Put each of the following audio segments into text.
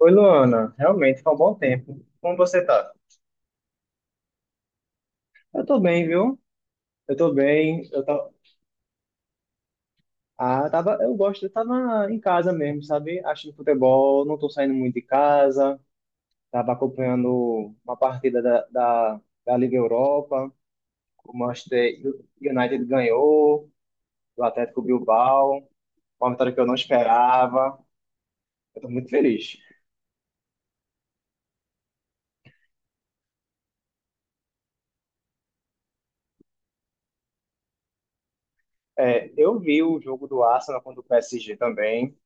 Oi, Luana. Realmente, foi um bom tempo. Como você tá? Eu tô bem, viu? Eu tô bem. Ah, eu gosto. Eu tava em casa mesmo, sabe? Assistindo futebol, não tô saindo muito de casa. Tava acompanhando uma partida da Liga Europa. O Manchester United ganhou, o Atlético Bilbao. Uma vitória que eu não esperava. Eu tô muito feliz. É, eu vi o jogo do Arsenal contra o PSG também.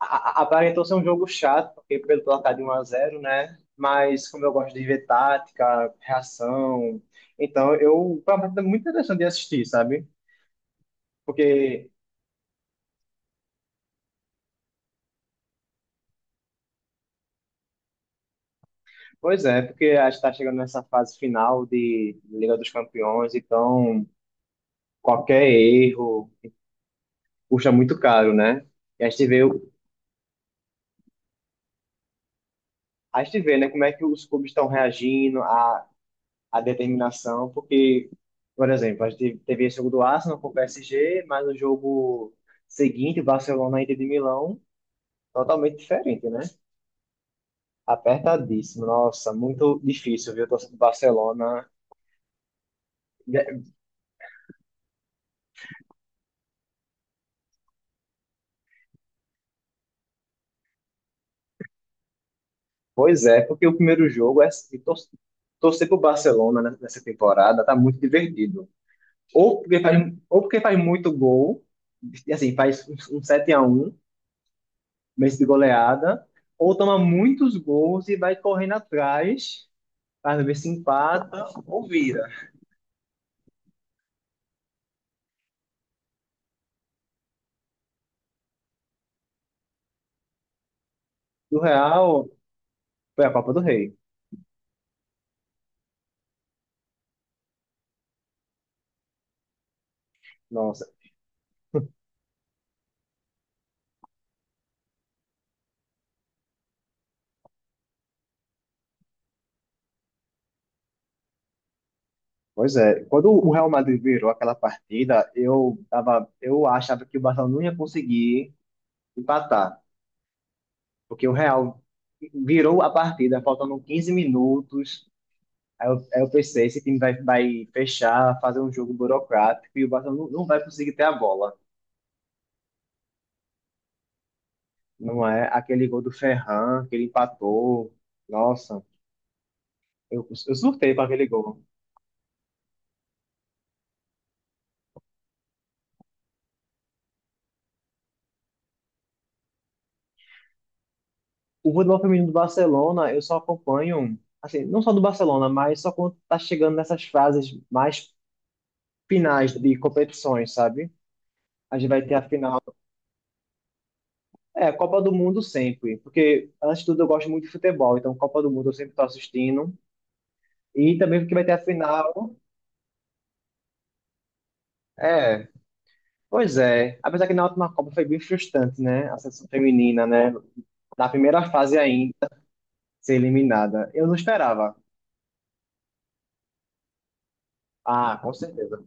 Aparentou ser um jogo chato, porque pelo placar de 1-0, né? Mas como eu gosto de ver tática, reação, então eu foi uma partida muito interessante de assistir, sabe? Porque, Pois é, porque a gente está chegando nessa fase final de Liga dos Campeões, então qualquer erro custa muito caro, né? E a gente vê, a gente vê, né, como é que os clubes estão reagindo, a determinação, porque, por exemplo, a gente teve esse jogo do Arsenal com o PSG, mas o jogo seguinte, Barcelona e Inter de Milão, totalmente diferente, né? Apertadíssimo. Nossa, muito difícil, viu, torcer pro Barcelona. É, pois é, porque o primeiro jogo é se torcer pro Barcelona, né, nessa temporada, tá muito divertido. Ou porque faz, ou porque faz muito gol, e assim, faz um 7-1 mês de goleada, ou toma muitos gols e vai correndo atrás para ver se empata ou vira. Do Real, foi a Copa do Rei. Nossa. Pois é, quando o Real Madrid virou aquela partida, eu tava, eu achava que o Barcelona não ia conseguir empatar, porque o Real virou a partida, faltando 15 minutos. Aí eu pensei, esse time vai, vai fechar, fazer um jogo burocrático e o Barcelona não vai conseguir ter a bola. Não é aquele gol do Ferran, que ele empatou. Nossa, eu surtei para aquele gol. O futebol feminino do Barcelona, eu só acompanho, assim, não só do Barcelona, mas só quando tá chegando nessas fases mais finais de competições, sabe? A gente vai ter a final. É, Copa do Mundo sempre, porque antes de tudo eu gosto muito de futebol, então Copa do Mundo eu sempre tô assistindo. E também porque vai ter a final. É, pois é. Apesar que na última Copa foi bem frustrante, né? A seleção feminina, né? Na primeira fase ainda, ser eliminada. Eu não esperava. Ah, com certeza.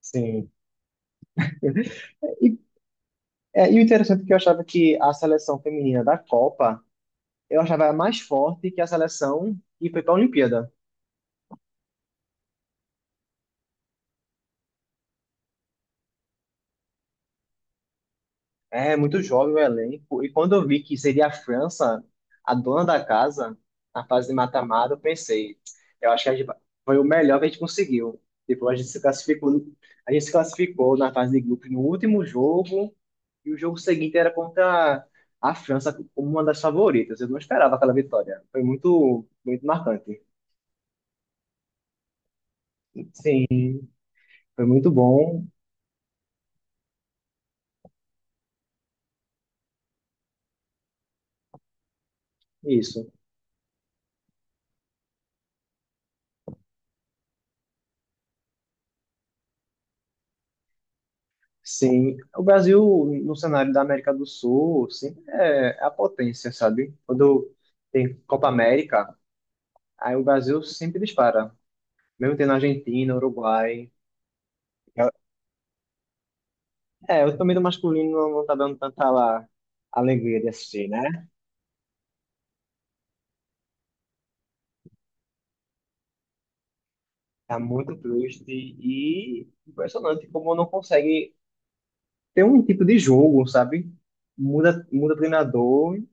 Sim. E É, e o interessante é que eu achava que a seleção feminina da Copa, eu achava mais forte que a seleção que foi para a Olimpíada. É muito jovem o elenco. E quando eu vi que seria a França, a dona da casa, na fase de mata-mata, eu pensei, eu acho que foi o melhor que a gente conseguiu. Tipo, a gente se classificou, a gente se classificou na fase de grupos no último jogo, e o jogo seguinte era contra a França como uma das favoritas. Eu não esperava aquela vitória. Foi muito, muito marcante. Sim, foi muito bom. Isso, sim. O Brasil, no cenário da América do Sul, sempre é a potência, sabe? Quando tem Copa América, aí o Brasil sempre dispara. Mesmo tendo Argentina, Uruguai. É, o torneio do masculino não tá dando tanta, lá, alegria de assistir, né? Tá muito triste e impressionante como não consegue ter um tipo de jogo, sabe? Muda, muda treinador e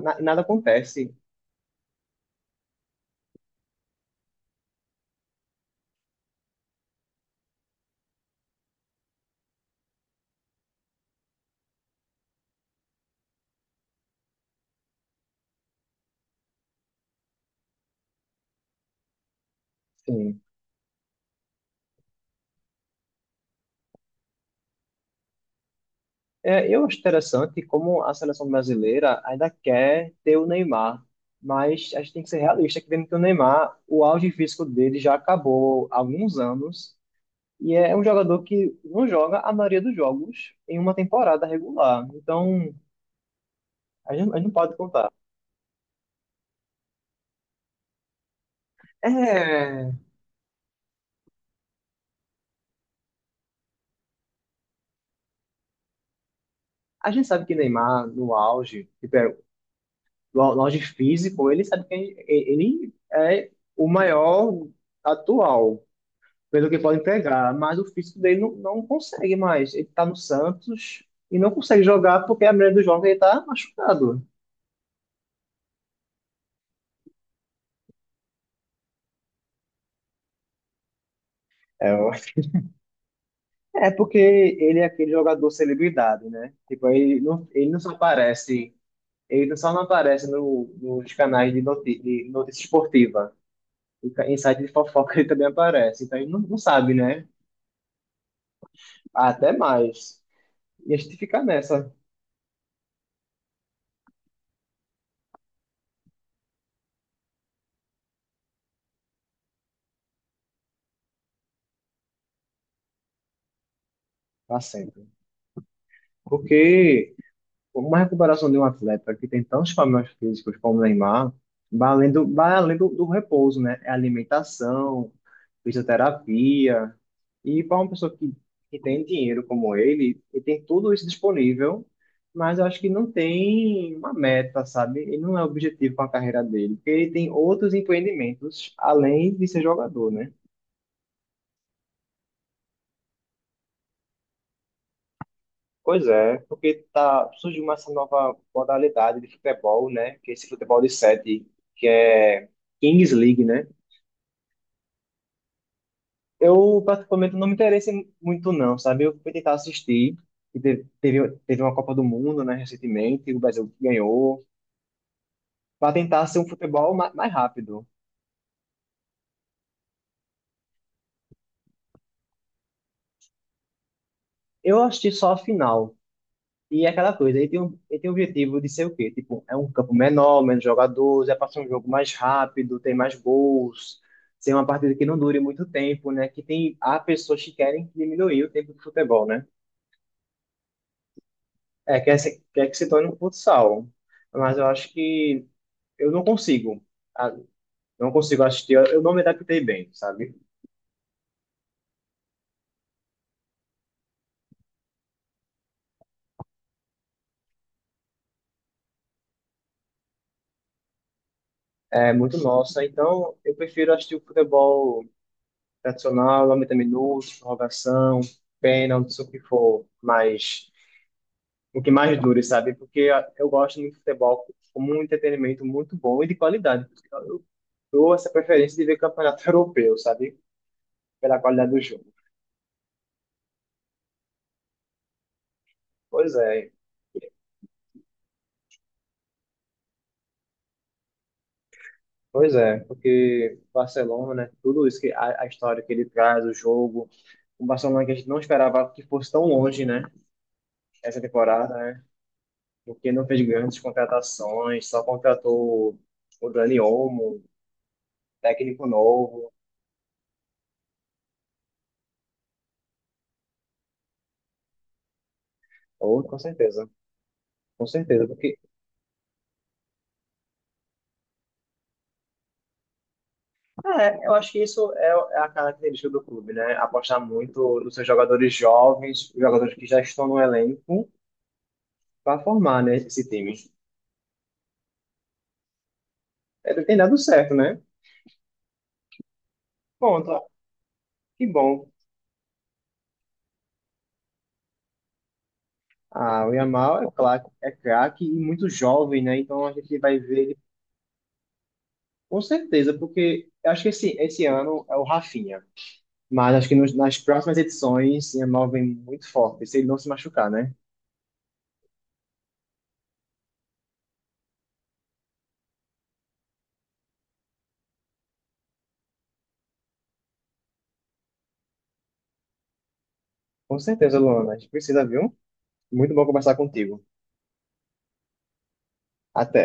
nada acontece. Sim. É, eu acho interessante como a seleção brasileira ainda quer ter o Neymar, mas a gente tem que ser realista, que vendo que o Neymar, o auge físico dele já acabou há alguns anos, e é um jogador que não joga a maioria dos jogos em uma temporada regular. Então, a gente não pode contar. É, a gente sabe que Neymar, no auge, tipo, é, no auge físico, ele sabe que ele é o maior atual. Pelo que pode entregar, mas o físico dele não consegue mais. Ele tá no Santos e não consegue jogar porque a maioria dos jogos ele tá machucado. É, é porque ele é aquele jogador celebridade, né? Tipo, ele não só aparece, ele não só não aparece no, nos canais de notícia esportiva. E em site de fofoca ele também aparece, então ele não sabe, né? Até mais. E a gente fica nessa pra sempre. Porque uma recuperação de um atleta que tem tantos problemas físicos como o Neymar, vai além do repouso, né? É alimentação, fisioterapia. E para uma pessoa que tem dinheiro como ele tem tudo isso disponível, mas eu acho que não tem uma meta, sabe? Ele não é objetivo com a carreira dele, porque ele tem outros empreendimentos além de ser jogador, né? Pois é, porque tá, surgiu essa nova modalidade de futebol, né? Que é esse futebol de sete, que é Kings League, né? Eu, particularmente, não me interessei muito, não, sabe? Eu fui tentar assistir, e teve uma Copa do Mundo, né, recentemente, o Brasil ganhou, para tentar ser um futebol mais rápido. Eu assisti só a final, e é aquela coisa, ele tem um objetivo de ser o quê? Tipo, é um campo menor, menos jogadores, é para ser um jogo mais rápido, tem mais gols, ser uma partida que não dure muito tempo, né? Que tem, há pessoas que querem diminuir o tempo do futebol, né? É, quer, quer que se torne um futsal. Mas eu acho que eu não consigo. ah, Não consigo assistir, eu não me adaptei bem, sabe? É muito nossa, então eu prefiro assistir o futebol tradicional, 90 minutos, prorrogação, pênalti, o que for, mas o que mais dure, sabe? Porque eu gosto muito de futebol como um entretenimento muito bom e de qualidade. Por isso que eu dou essa preferência de ver campeonato europeu, sabe? Pela qualidade do jogo. Pois é, pois é, porque Barcelona, né? Tudo isso que a história que ele traz, o jogo, o Barcelona que a gente não esperava que fosse tão longe, né? Essa temporada, né? Porque não fez grandes contratações, só contratou o Dani Olmo, técnico novo. Ou, com certeza, é, eu acho que isso é a característica do clube, né? Apostar muito nos seus jogadores jovens, jogadores que já estão no elenco, para formar, né, esse time. Ele tem dado certo, né? Ponto. Que bom. Ah, o Yamal é craque e muito jovem, né? Então a gente vai ver ele, com certeza, porque eu acho que esse ano é o Rafinha. Mas acho que nas próximas edições, o Yamal vem muito forte, se ele não se machucar, né? Com certeza, Luana. A gente precisa, viu? Muito bom conversar contigo. Até.